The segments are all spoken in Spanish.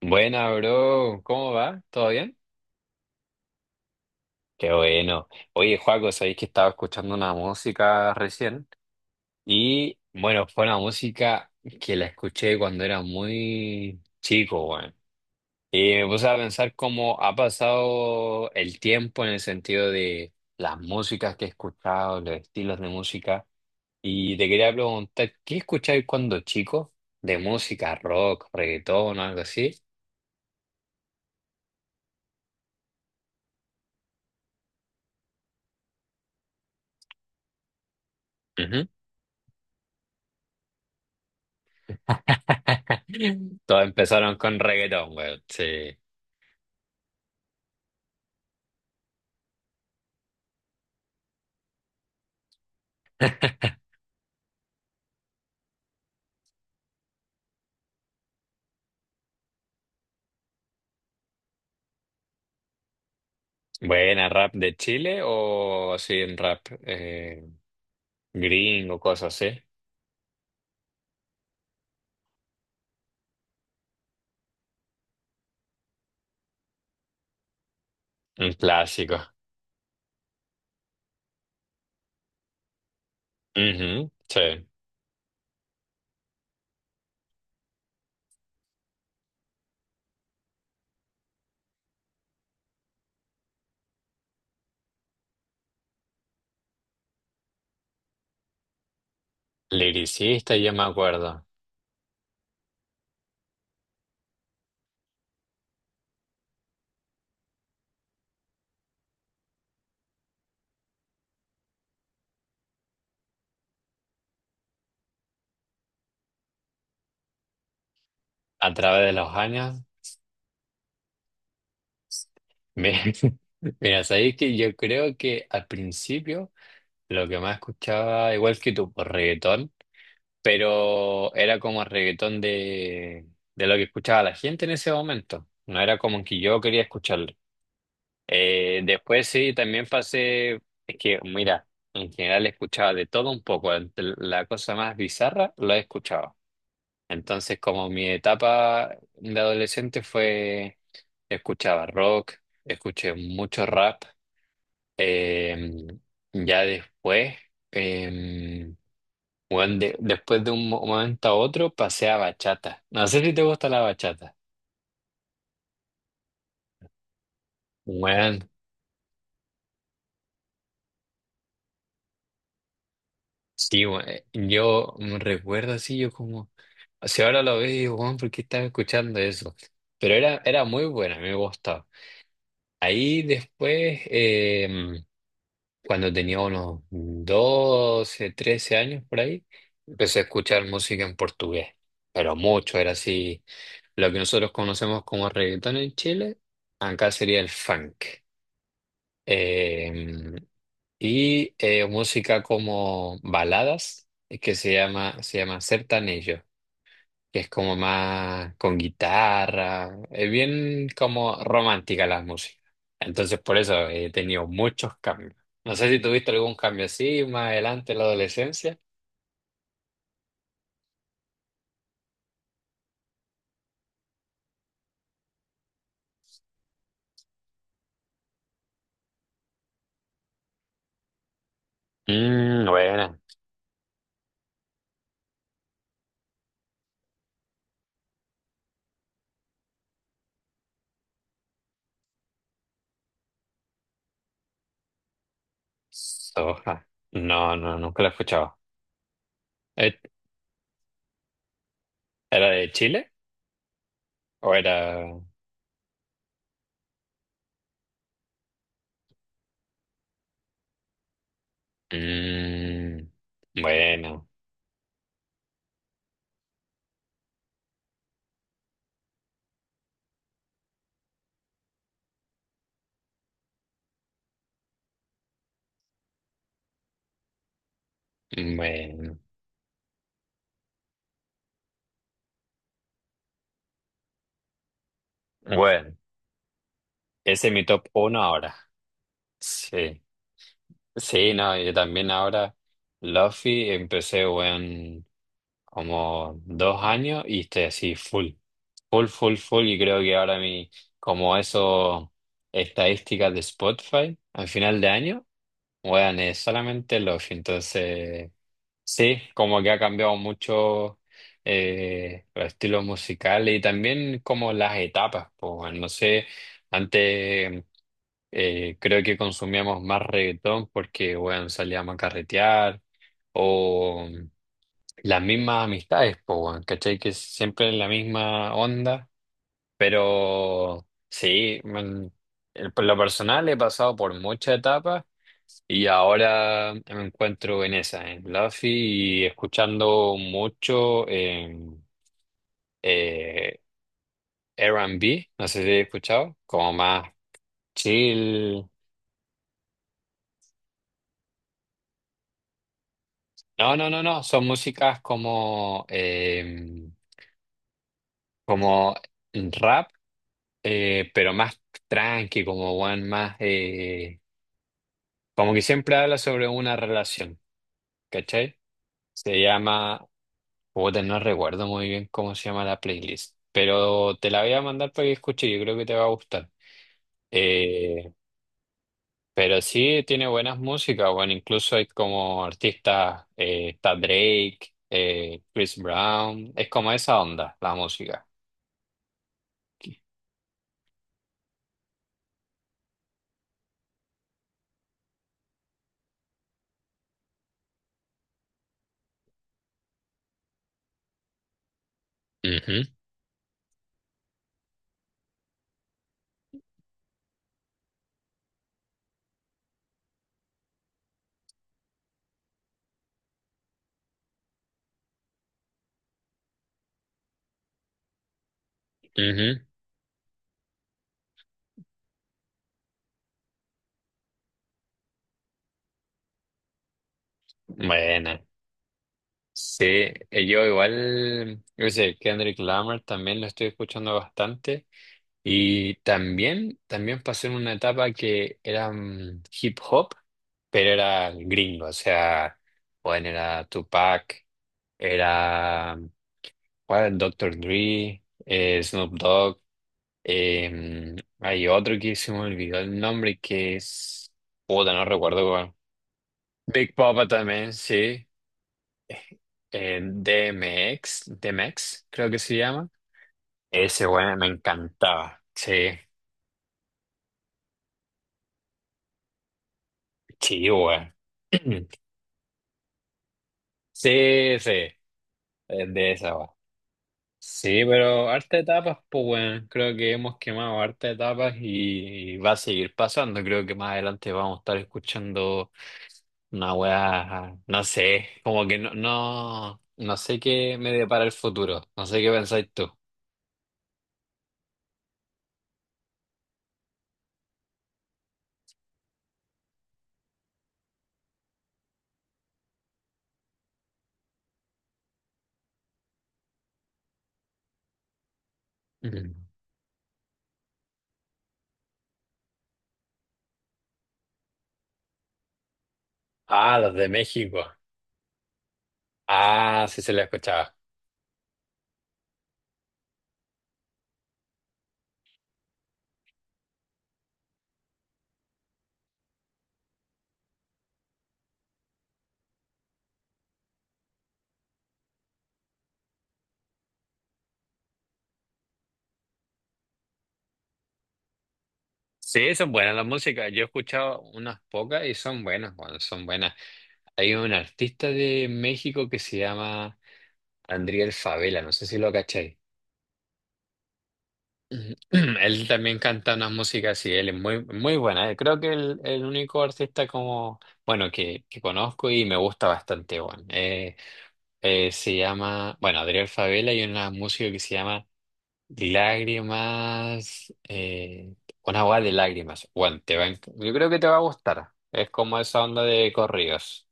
Buena, bro. ¿Cómo va? ¿Todo bien? Qué bueno. Oye, Joaco, sabéis que estaba escuchando una música recién. Y bueno, fue una música que la escuché cuando era muy chico, bueno. Y me puse a pensar cómo ha pasado el tiempo en el sentido de las músicas que he escuchado, los estilos de música. Y te quería preguntar, ¿qué escucháis cuando chico? ¿De música, rock, reggaetón o algo así? Ujú. Todos empezaron con reggaetón, güey. Sí. Buena, rap de Chile o así, en rap gringo, cosas así. Un clásico. Ujú, sí. Liricista, yo me acuerdo. A través de los años. Mira, mira, sabéis que yo creo que al principio lo que más escuchaba, igual que tu reggaetón, pero era como reggaetón de lo que escuchaba la gente en ese momento. No era como que yo quería escuchar. Después sí, también pasé, es que mira, en general escuchaba de todo un poco, la cosa más bizarra la he escuchado. Entonces como mi etapa de adolescente fue, escuchaba rock, escuché mucho rap, eh, ya después, eh, bueno, después de un momento a otro pasé a bachata. No sé si te gusta la bachata. Bueno, sí, weón, yo me recuerdo así, yo como, o sea, ahora lo veo y digo, weón, ¿por qué estaba escuchando eso? Pero era, era muy buena, me gustaba. Ahí después, cuando tenía unos 12 13 años por ahí, empecé a escuchar música en portugués, pero mucho, era así, lo que nosotros conocemos como reggaetón en Chile, acá sería el funk. Eh, y música como baladas, que se llama Sertanejo, que es como más con guitarra, es bien como romántica la música. Entonces por eso he tenido muchos cambios. No sé si tuviste algún cambio así más adelante en la adolescencia. Mm, buena. Soja. No, no, nunca la he escuchado. Eh, ¿Era de Chile? ¿O era...? Mm, bueno, bueno. Bueno. Ese es mi top uno ahora. Sí, sí, no, yo también ahora. Luffy empecé en como dos años y estoy así full, full, full, full. Y creo que ahora mi, como eso, estadísticas de Spotify al final de año, weón, es solamente Luffy. Entonces, sí, como que ha cambiado mucho los estilos musicales y también como las etapas, pues, no sé. Antes. Creo que consumíamos más reggaetón porque, bueno, salíamos a carretear o mm, las mismas amistades, pues, bueno, ¿cachai? Que siempre en la misma onda, pero sí, man, por lo personal he pasado por muchas etapas y ahora me encuentro en esa, en Luffy y escuchando mucho eh, R&B, no sé si he escuchado, como más chill. No, no, no, no. Son músicas como, como rap, pero más tranqui, como one más, como que siempre habla sobre una relación, ¿cachai? Se llama, puta, no recuerdo muy bien cómo se llama la playlist, pero te la voy a mandar para que escuches, yo creo que te va a gustar. Eh, Pero sí tiene buenas músicas, bueno, incluso hay como artistas, está Drake, Chris Brown, es como esa onda, la música. Ujú, ujú. Bueno, sí, yo igual, yo sé, Kendrick Lamar también lo estoy escuchando bastante y también, también pasé en una etapa que era mm, hip hop, pero era gringo, o sea, bueno, era Tupac, era ¿cuál? Doctor Dre, Snoop Dogg. em, hay otro que se me olvidó el nombre que es. Puta, no recuerdo cuál. Big Papa también, sí. DMX, creo que se llama. Ese, bueno, me encantaba. Sí, sí, bueno. Sí, sí, es de esa, weón. Sí, pero harta etapas, pues, bueno, creo que hemos quemado harta etapas y va a seguir pasando. Creo que más adelante vamos a estar escuchando una wea, no sé, como que no, no, no sé qué me depara el futuro, no sé qué pensáis tú. Mm. Ah, los de México. Ah, sí se la escuchaba. Sí, son buenas las músicas. Yo he escuchado unas pocas y son buenas, bueno, son buenas. Hay un artista de México que se llama Andriel Favela, no sé si lo cacháis. Ujú. Él también canta una música así, él es muy, muy buena. Eh. Creo que el único artista como, bueno, que conozco y me gusta bastante, bueno. Se llama, bueno, Adriel Favela y una música que se llama Lágrimas, una agua de lágrimas. Bueno, te va a yo creo que te va a gustar. Es como esa onda de corridos.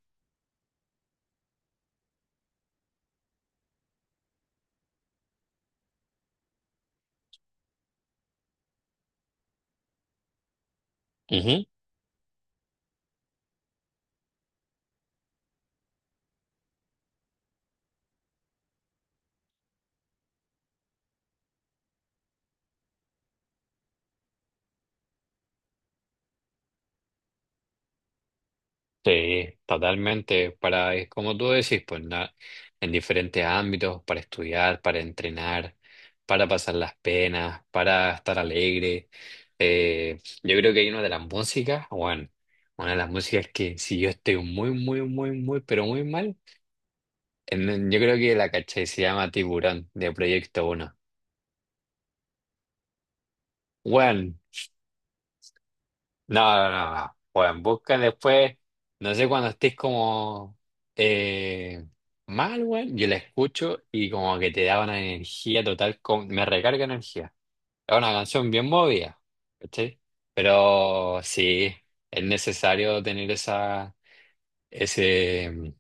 Sí, totalmente. Para, es como tú decís, pues en diferentes ámbitos, para estudiar, para entrenar, para pasar las penas, para estar alegre. Yo creo que hay una de las músicas, bueno, una de las músicas que si yo estoy muy, muy, muy, muy, pero muy mal, yo creo que la caché, se llama Tiburón de Proyecto Uno. Bueno, no, no, no, no. Bueno, busca después, no sé, cuando estés como eh, mal, weón, yo la escucho y como que te da una energía total, me recarga energía. Es una canción bien movida, ¿cachai? Pero sí, es necesario tener esa, ese,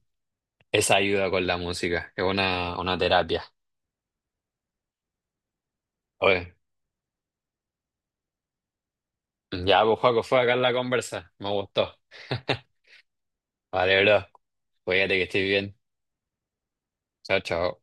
esa ayuda con la música, es una terapia. Oye, ya, pues, Joaco, fue acá la conversa, me gustó. Vale, bro, cuídate, que estés bien. Chao, chao.